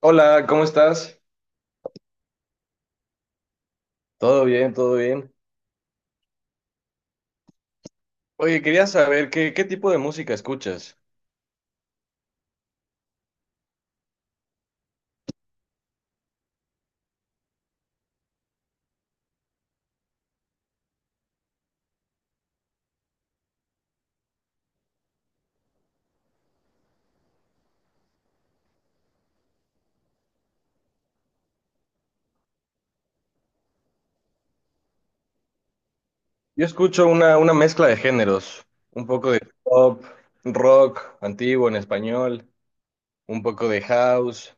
Hola, ¿cómo estás? Todo bien, todo bien. Oye, quería saber qué tipo de música escuchas. Yo escucho una mezcla de géneros, un poco de pop, rock, antiguo en español, un poco de house.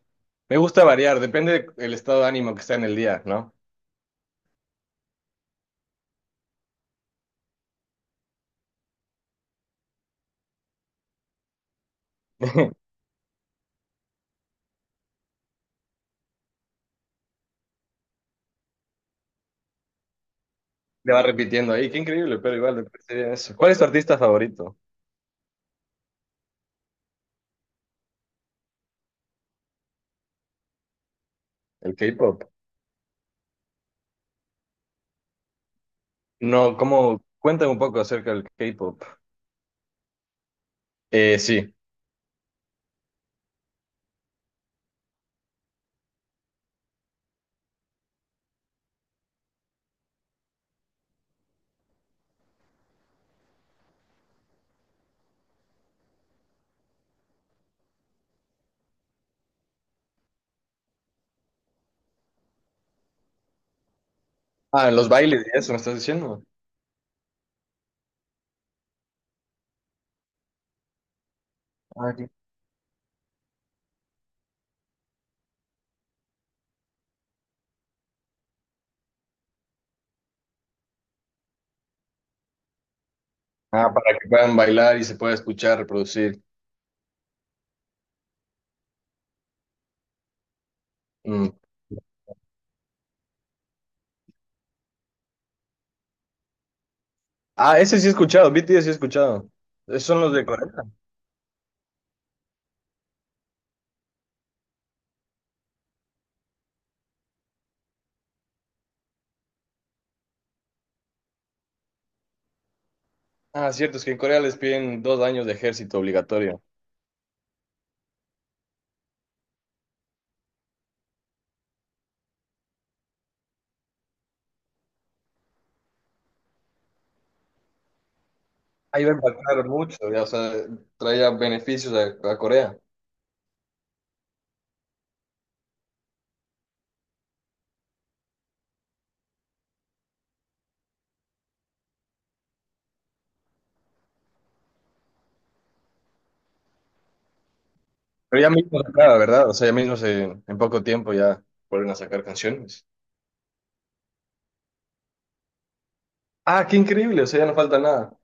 Me gusta variar, depende del estado de ánimo que está en el día, ¿no? Te va repitiendo ahí, qué increíble, pero igual me parece bien eso. ¿Cuál es tu artista favorito? ¿El K-pop? No, ¿cómo? Cuéntame un poco acerca del K-pop. Sí. Ah, los bailes y eso, ¿me estás diciendo? Ah, para que puedan bailar y se pueda escuchar, reproducir. Mm. Ah, ese sí he escuchado, BTS sí he escuchado. Esos son los de Corea. Ah, cierto, es que en Corea les piden 2 años de ejército obligatorio. Ahí va a impactar mucho, ya, o sea, traía beneficios a Corea. Pero ya mismo se acaba, ¿verdad? O sea, ya mismo en poco tiempo ya vuelven a sacar canciones. Ah, qué increíble, o sea, ya no falta nada.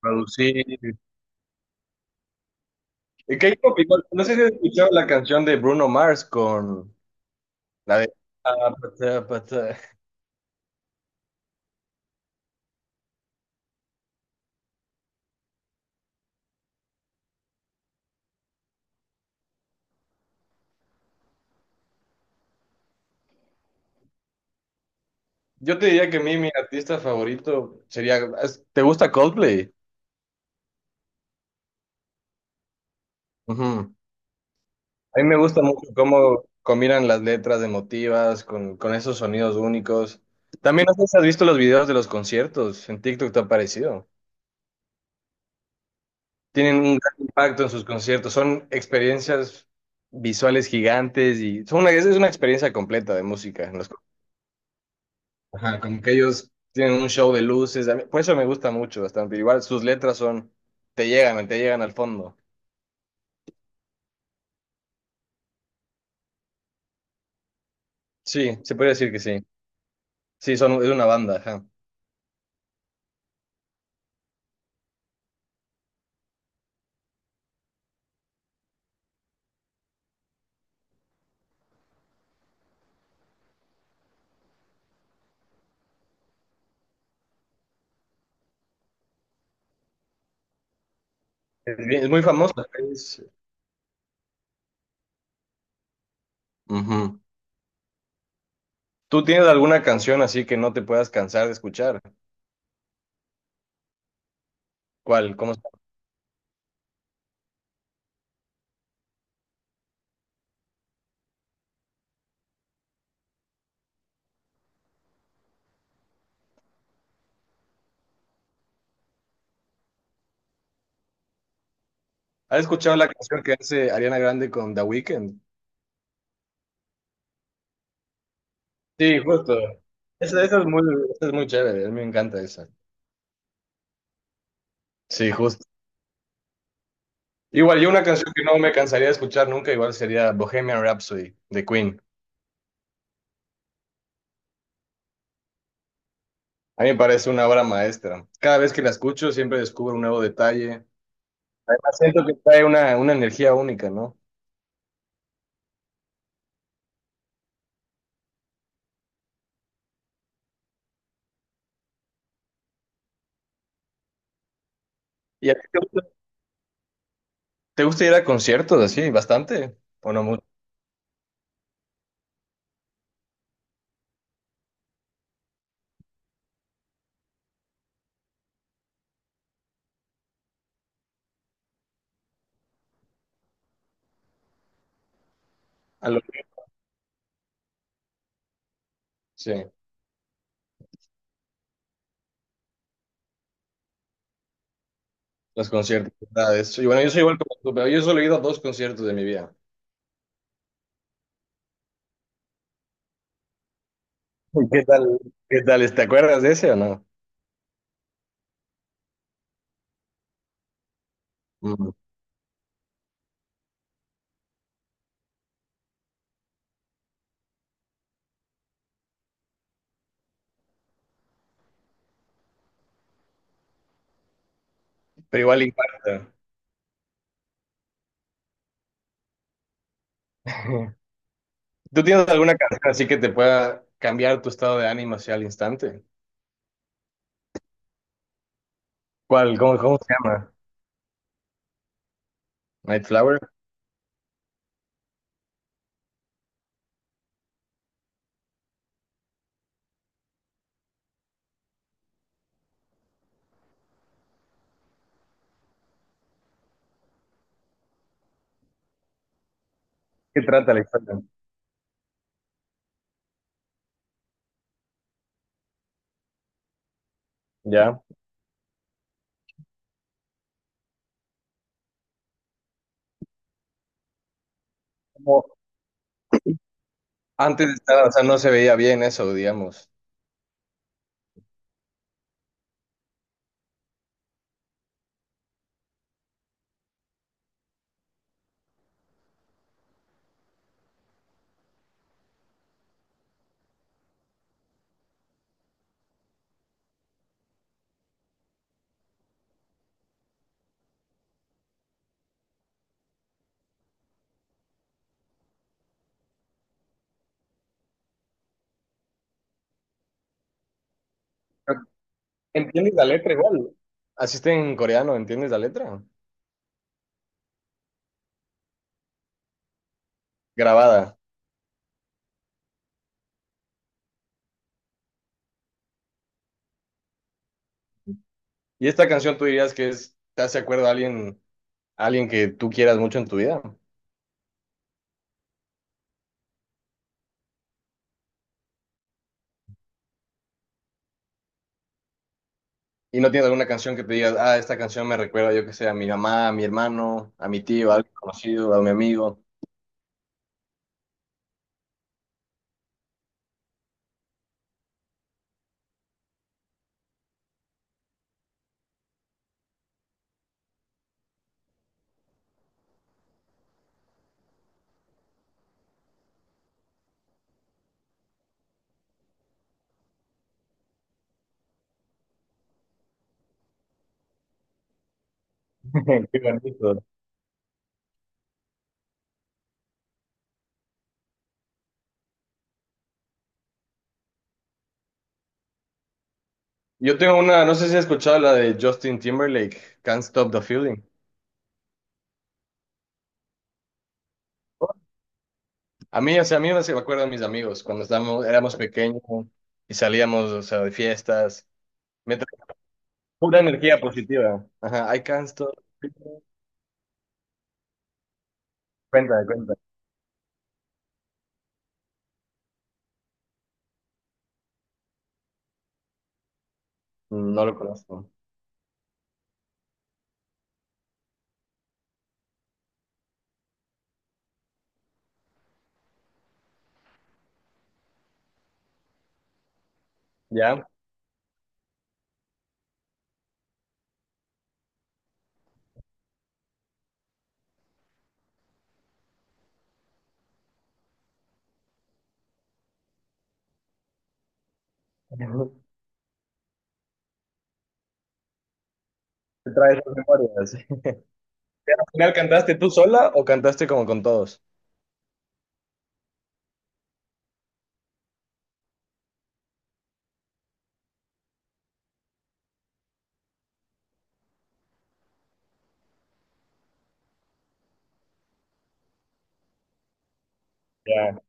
Producir. Y K-pop no sé si has escuchado la canción de Bruno Mars con la de... Ah, pata, pata. Yo te diría que a mí mi artista favorito sería... ¿Te gusta Coldplay? Ujú. A mí me gusta mucho cómo combinan las letras emotivas con esos sonidos únicos. También no sé si has visto los videos de los conciertos. En TikTok te ha parecido. Tienen un gran impacto en sus conciertos. Son experiencias visuales gigantes y son una, es una experiencia completa de música. Ajá, como que ellos tienen un show de luces. A mí- por eso me gusta mucho bastante. Igual sus letras son... Te llegan al fondo. Sí, se puede decir que sí. Sí, son, es una banda, ajá. Es, bien- es muy famosa. es- Ujú. ¿Tú tienes alguna canción así que no te puedas cansar de escuchar? ¿Cuál? ¿Cómo se- ¿Has escuchado la canción que hace Ariana Grande con The Weeknd? Sí, justo. Esa esa es muy chévere, a mí me encanta esa. Sí, justo. Igual, yo una canción que no me cansaría de escuchar nunca, igual sería Bohemian Rhapsody de Queen. A mí me parece una obra maestra. Cada vez que la escucho siempre descubro un nuevo detalle. Además, siento que trae una energía única, ¿no? ¿Y a ti te gusta ir a conciertos así? ¿Bastante? ¿O no mucho? A lo- sí, los conciertos. ¿Verdad? Y bueno, yo soy igual como tú, pero yo solo he ido a dos conciertos de mi vida. ¿Qué tal? ¿Te acuerdas de ese o no? Mm, pero igual impacta. ¿Tú tienes alguna canción así que te pueda cambiar tu estado de ánimo hacia el instante? ¿Cuál? ¿Cómo se llama? ¿Nightflower? ¿Qué trata la historia? ¿Ya? Como antes de estar, o sea, no se veía bien eso, digamos. Pero ¿Entiendes la letra igual? Así está en coreano, ¿entiendes la letra? Grabada. Y esta canción tú dirías que es, te hace acuerdo a alguien que tú quieras mucho en tu vida. Y no tienes alguna canción que te digas, ah, esta canción me recuerda, yo que sé, a mi mamá, a mi hermano, a mi tío, a alguien conocido, a mi amigo. Qué bonito. Yo tengo una, no sé si has escuchado la de Justin Timberlake, Can't Stop the Feeling. A mí, o sea, a mí me se me acuerdan mis amigos cuando estábamos, éramos pequeños y salíamos, o sea, de fiestas. Me trae pura energía positiva. Ajá, I can't stop. Cuenta, cuenta. No lo conozco. ¿Ya? ¿Te traes esas memorias? ¿Al final cantaste tú sola o cantaste como con todos? Ya.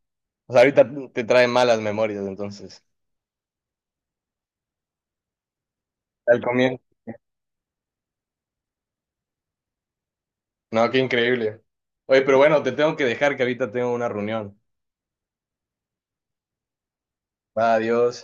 O sea, ahorita te trae malas memorias, entonces. Al comienzo. No, qué increíble. Oye, pero bueno, te tengo que dejar que ahorita tengo una reunión. Va, adiós.